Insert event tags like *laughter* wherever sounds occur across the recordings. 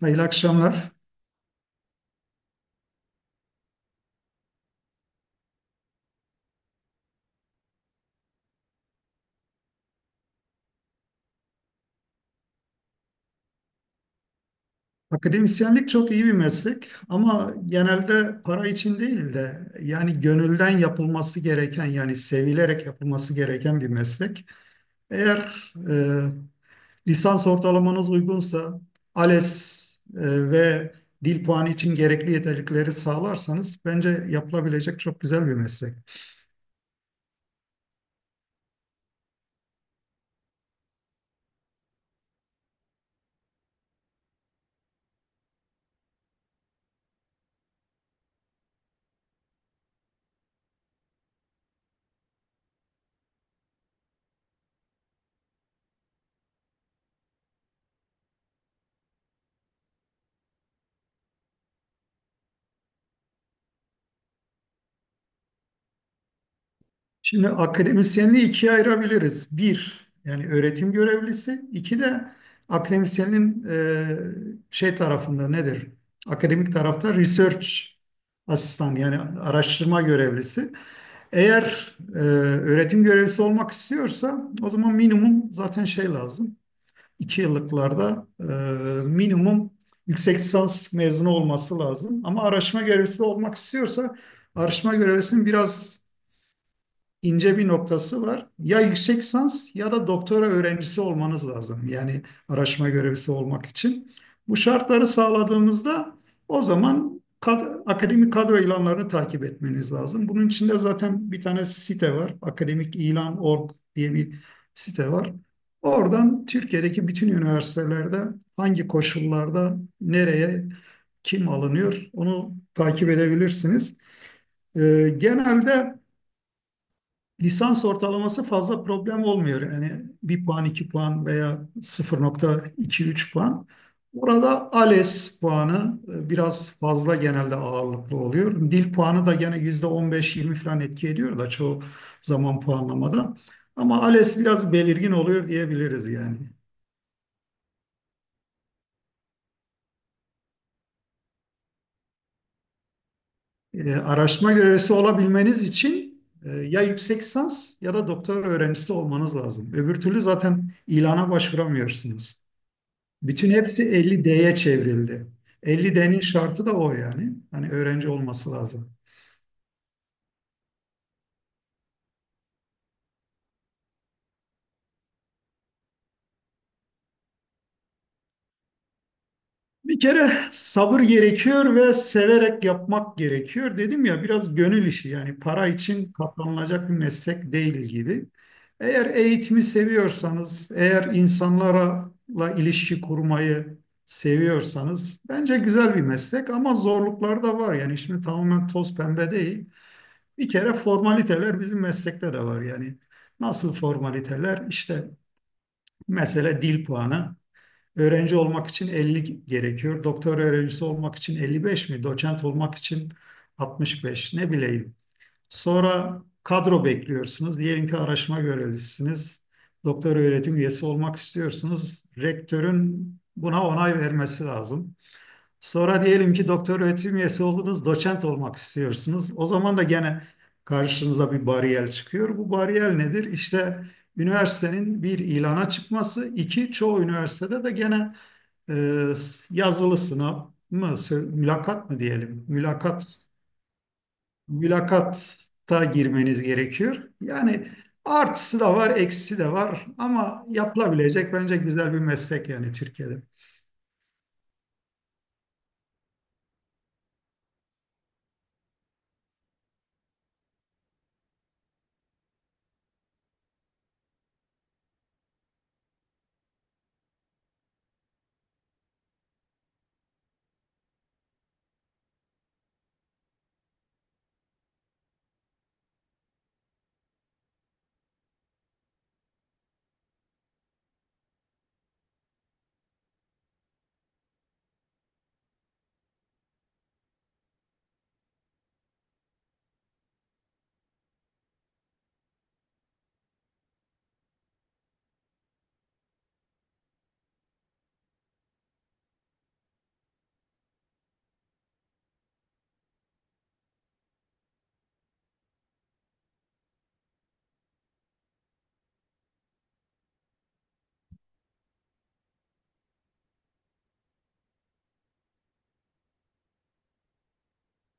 Hayırlı akşamlar. Akademisyenlik çok iyi bir meslek ama genelde para için değil de yani gönülden yapılması gereken yani sevilerek yapılması gereken bir meslek. Eğer lisans ortalamanız uygunsa ALES ve dil puanı için gerekli yeterlikleri sağlarsanız bence yapılabilecek çok güzel bir meslek. Şimdi akademisyenliği ikiye ayırabiliriz. Bir, yani öğretim görevlisi. İki de akademisyenin şey tarafında nedir? Akademik tarafta research asistan yani araştırma görevlisi. Eğer öğretim görevlisi olmak istiyorsa o zaman minimum zaten şey lazım. 2 yıllıklarda minimum yüksek lisans mezunu olması lazım. Ama araştırma görevlisi de olmak istiyorsa araştırma görevlisinin biraz ince bir noktası var. Ya yüksek lisans ya da doktora öğrencisi olmanız lazım. Yani araştırma görevlisi olmak için. Bu şartları sağladığınızda o zaman akademik kadro ilanlarını takip etmeniz lazım. Bunun içinde zaten bir tane site var. akademikilan.org diye bir site var. Oradan Türkiye'deki bütün üniversitelerde hangi koşullarda nereye kim alınıyor onu takip edebilirsiniz. Genelde lisans ortalaması fazla problem olmuyor. Yani bir puan, iki puan veya 0,2-3 puan. Orada ALES puanı biraz fazla genelde ağırlıklı oluyor. Dil puanı da gene %15-20 falan etki ediyor da çoğu zaman puanlamada. Ama ALES biraz belirgin oluyor diyebiliriz yani. Araştırma görevlisi olabilmeniz için ya yüksek lisans ya da doktora öğrencisi olmanız lazım. Öbür türlü zaten ilana başvuramıyorsunuz. Bütün hepsi 50D'ye çevrildi. 50D'nin şartı da o yani. Hani öğrenci olması lazım. Bir kere sabır gerekiyor ve severek yapmak gerekiyor. Dedim ya biraz gönül işi yani para için katlanılacak bir meslek değil gibi. Eğer eğitimi seviyorsanız, eğer insanlarla ilişki kurmayı seviyorsanız bence güzel bir meslek ama zorluklar da var. Yani şimdi tamamen toz pembe değil. Bir kere formaliteler bizim meslekte de var yani. Nasıl formaliteler? İşte mesela dil puanı. Öğrenci olmak için 50 gerekiyor. Doktor öğrencisi olmak için 55 mi? Doçent olmak için 65 ne bileyim. Sonra kadro bekliyorsunuz. Diyelim ki araştırma görevlisiniz. Doktor öğretim üyesi olmak istiyorsunuz. Rektörün buna onay vermesi lazım. Sonra diyelim ki doktor öğretim üyesi oldunuz, doçent olmak istiyorsunuz. O zaman da gene karşınıza bir bariyer çıkıyor. Bu bariyer nedir? İşte üniversitenin bir ilana çıkması, iki çoğu üniversitede de gene e, yazılı sınav mı, mülakat mı diyelim? Mülakatta girmeniz gerekiyor. Yani artısı da var, eksisi de var ama yapılabilecek bence güzel bir meslek yani Türkiye'de.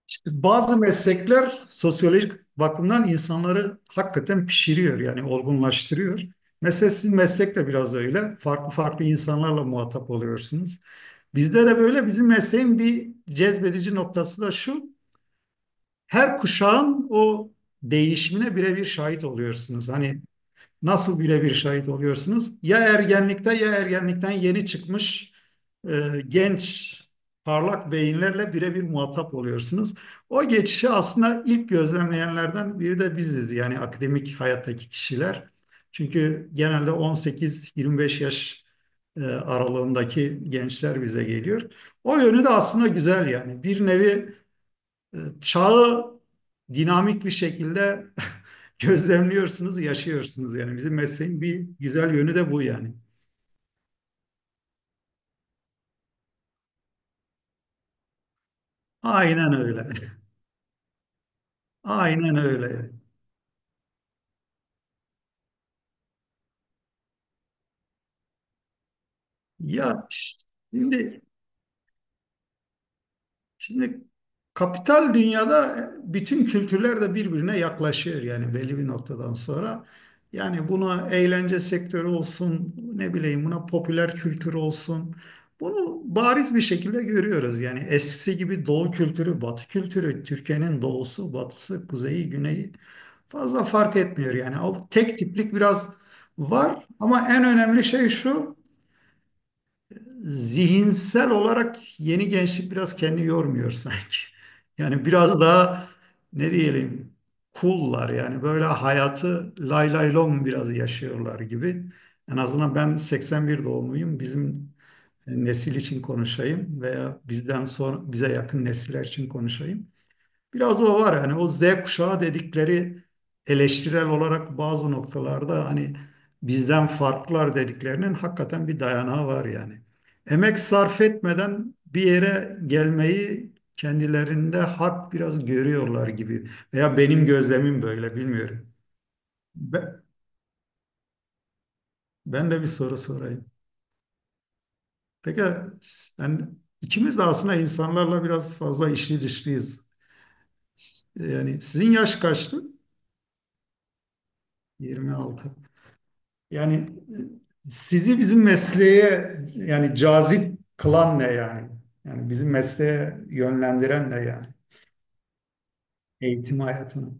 İşte bazı meslekler sosyolojik bakımdan insanları hakikaten pişiriyor yani olgunlaştırıyor. Mesela sizin meslek de biraz öyle. Farklı farklı insanlarla muhatap oluyorsunuz. Bizde de böyle bizim mesleğin bir cezbedici noktası da şu. Her kuşağın o değişimine birebir şahit oluyorsunuz. Hani nasıl birebir şahit oluyorsunuz? Ya ergenlikte ya ergenlikten yeni çıkmış genç parlak beyinlerle birebir muhatap oluyorsunuz. O geçişi aslında ilk gözlemleyenlerden biri de biziz yani akademik hayattaki kişiler. Çünkü genelde 18-25 yaş aralığındaki gençler bize geliyor. O yönü de aslında güzel yani. Bir nevi çağı dinamik bir şekilde *laughs* gözlemliyorsunuz, yaşıyorsunuz. Yani bizim mesleğin bir güzel yönü de bu yani. Aynen öyle. *laughs* Aynen öyle. Ya şimdi Şimdi kapital dünyada bütün kültürler de birbirine yaklaşıyor yani belli bir noktadan sonra. Yani buna eğlence sektörü olsun, ne bileyim buna popüler kültür olsun. Bunu bariz bir şekilde görüyoruz. Yani eskisi gibi doğu kültürü, batı kültürü, Türkiye'nin doğusu, batısı, kuzeyi, güneyi fazla fark etmiyor. Yani o tek tiplik biraz var ama en önemli şey şu: zihinsel olarak yeni gençlik biraz kendini yormuyor sanki. Yani biraz daha ne diyelim kullar yani böyle hayatı lay lay lom biraz yaşıyorlar gibi. En azından ben 81 doğumluyum. Bizim nesil için konuşayım veya bizden sonra bize yakın nesiller için konuşayım. Biraz o var hani o Z kuşağı dedikleri eleştirel olarak bazı noktalarda hani bizden farklılar dediklerinin hakikaten bir dayanağı var yani. Emek sarf etmeden bir yere gelmeyi kendilerinde hak biraz görüyorlar gibi veya benim gözlemim böyle bilmiyorum. Ben, ben de bir soru sorayım. Peki sen, ikimiz de aslında insanlarla biraz fazla içli dışlıyız. Yani sizin yaş kaçtı? 26. Yani sizi bizim mesleğe yani cazip kılan ne yani? Yani bizim mesleğe yönlendiren ne yani? Eğitim hayatını.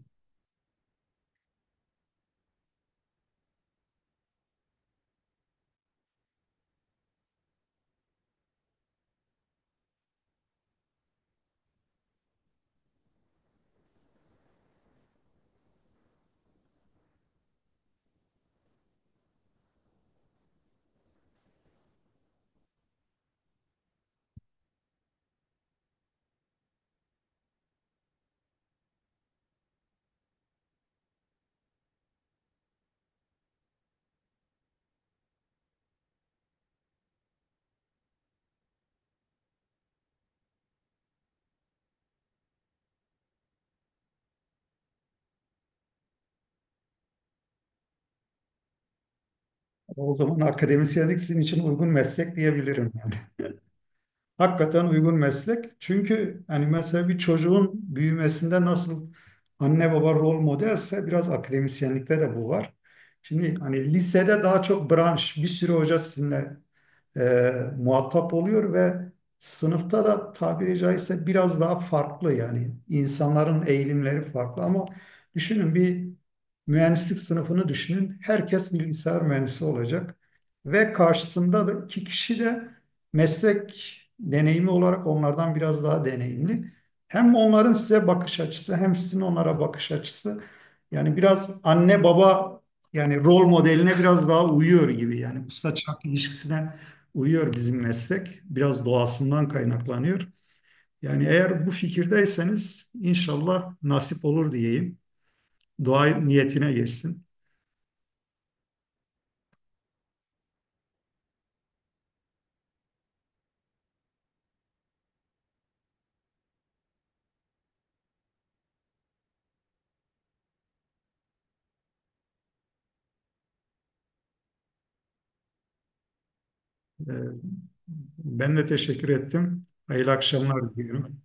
O zaman akademisyenlik sizin için uygun meslek diyebilirim yani. Hakikaten uygun meslek. Çünkü hani mesela bir çocuğun büyümesinde nasıl anne baba rol modelse biraz akademisyenlikte de bu var. Şimdi hani lisede daha çok branş, bir sürü hoca sizinle e, muhatap oluyor ve sınıfta da tabiri caizse biraz daha farklı yani insanların eğilimleri farklı ama düşünün bir mühendislik sınıfını düşünün. Herkes bilgisayar mühendisi olacak ve karşısında da iki kişi de meslek deneyimi olarak onlardan biraz daha deneyimli. Hem onların size bakış açısı hem sizin onlara bakış açısı yani biraz anne baba yani rol modeline biraz daha uyuyor gibi yani usta çırak ilişkisine uyuyor bizim meslek. Biraz doğasından kaynaklanıyor. Yani eğer bu fikirdeyseniz inşallah nasip olur diyeyim. Dua niyetine geçsin. Ee, Ben de teşekkür ettim. Hayırlı akşamlar diliyorum.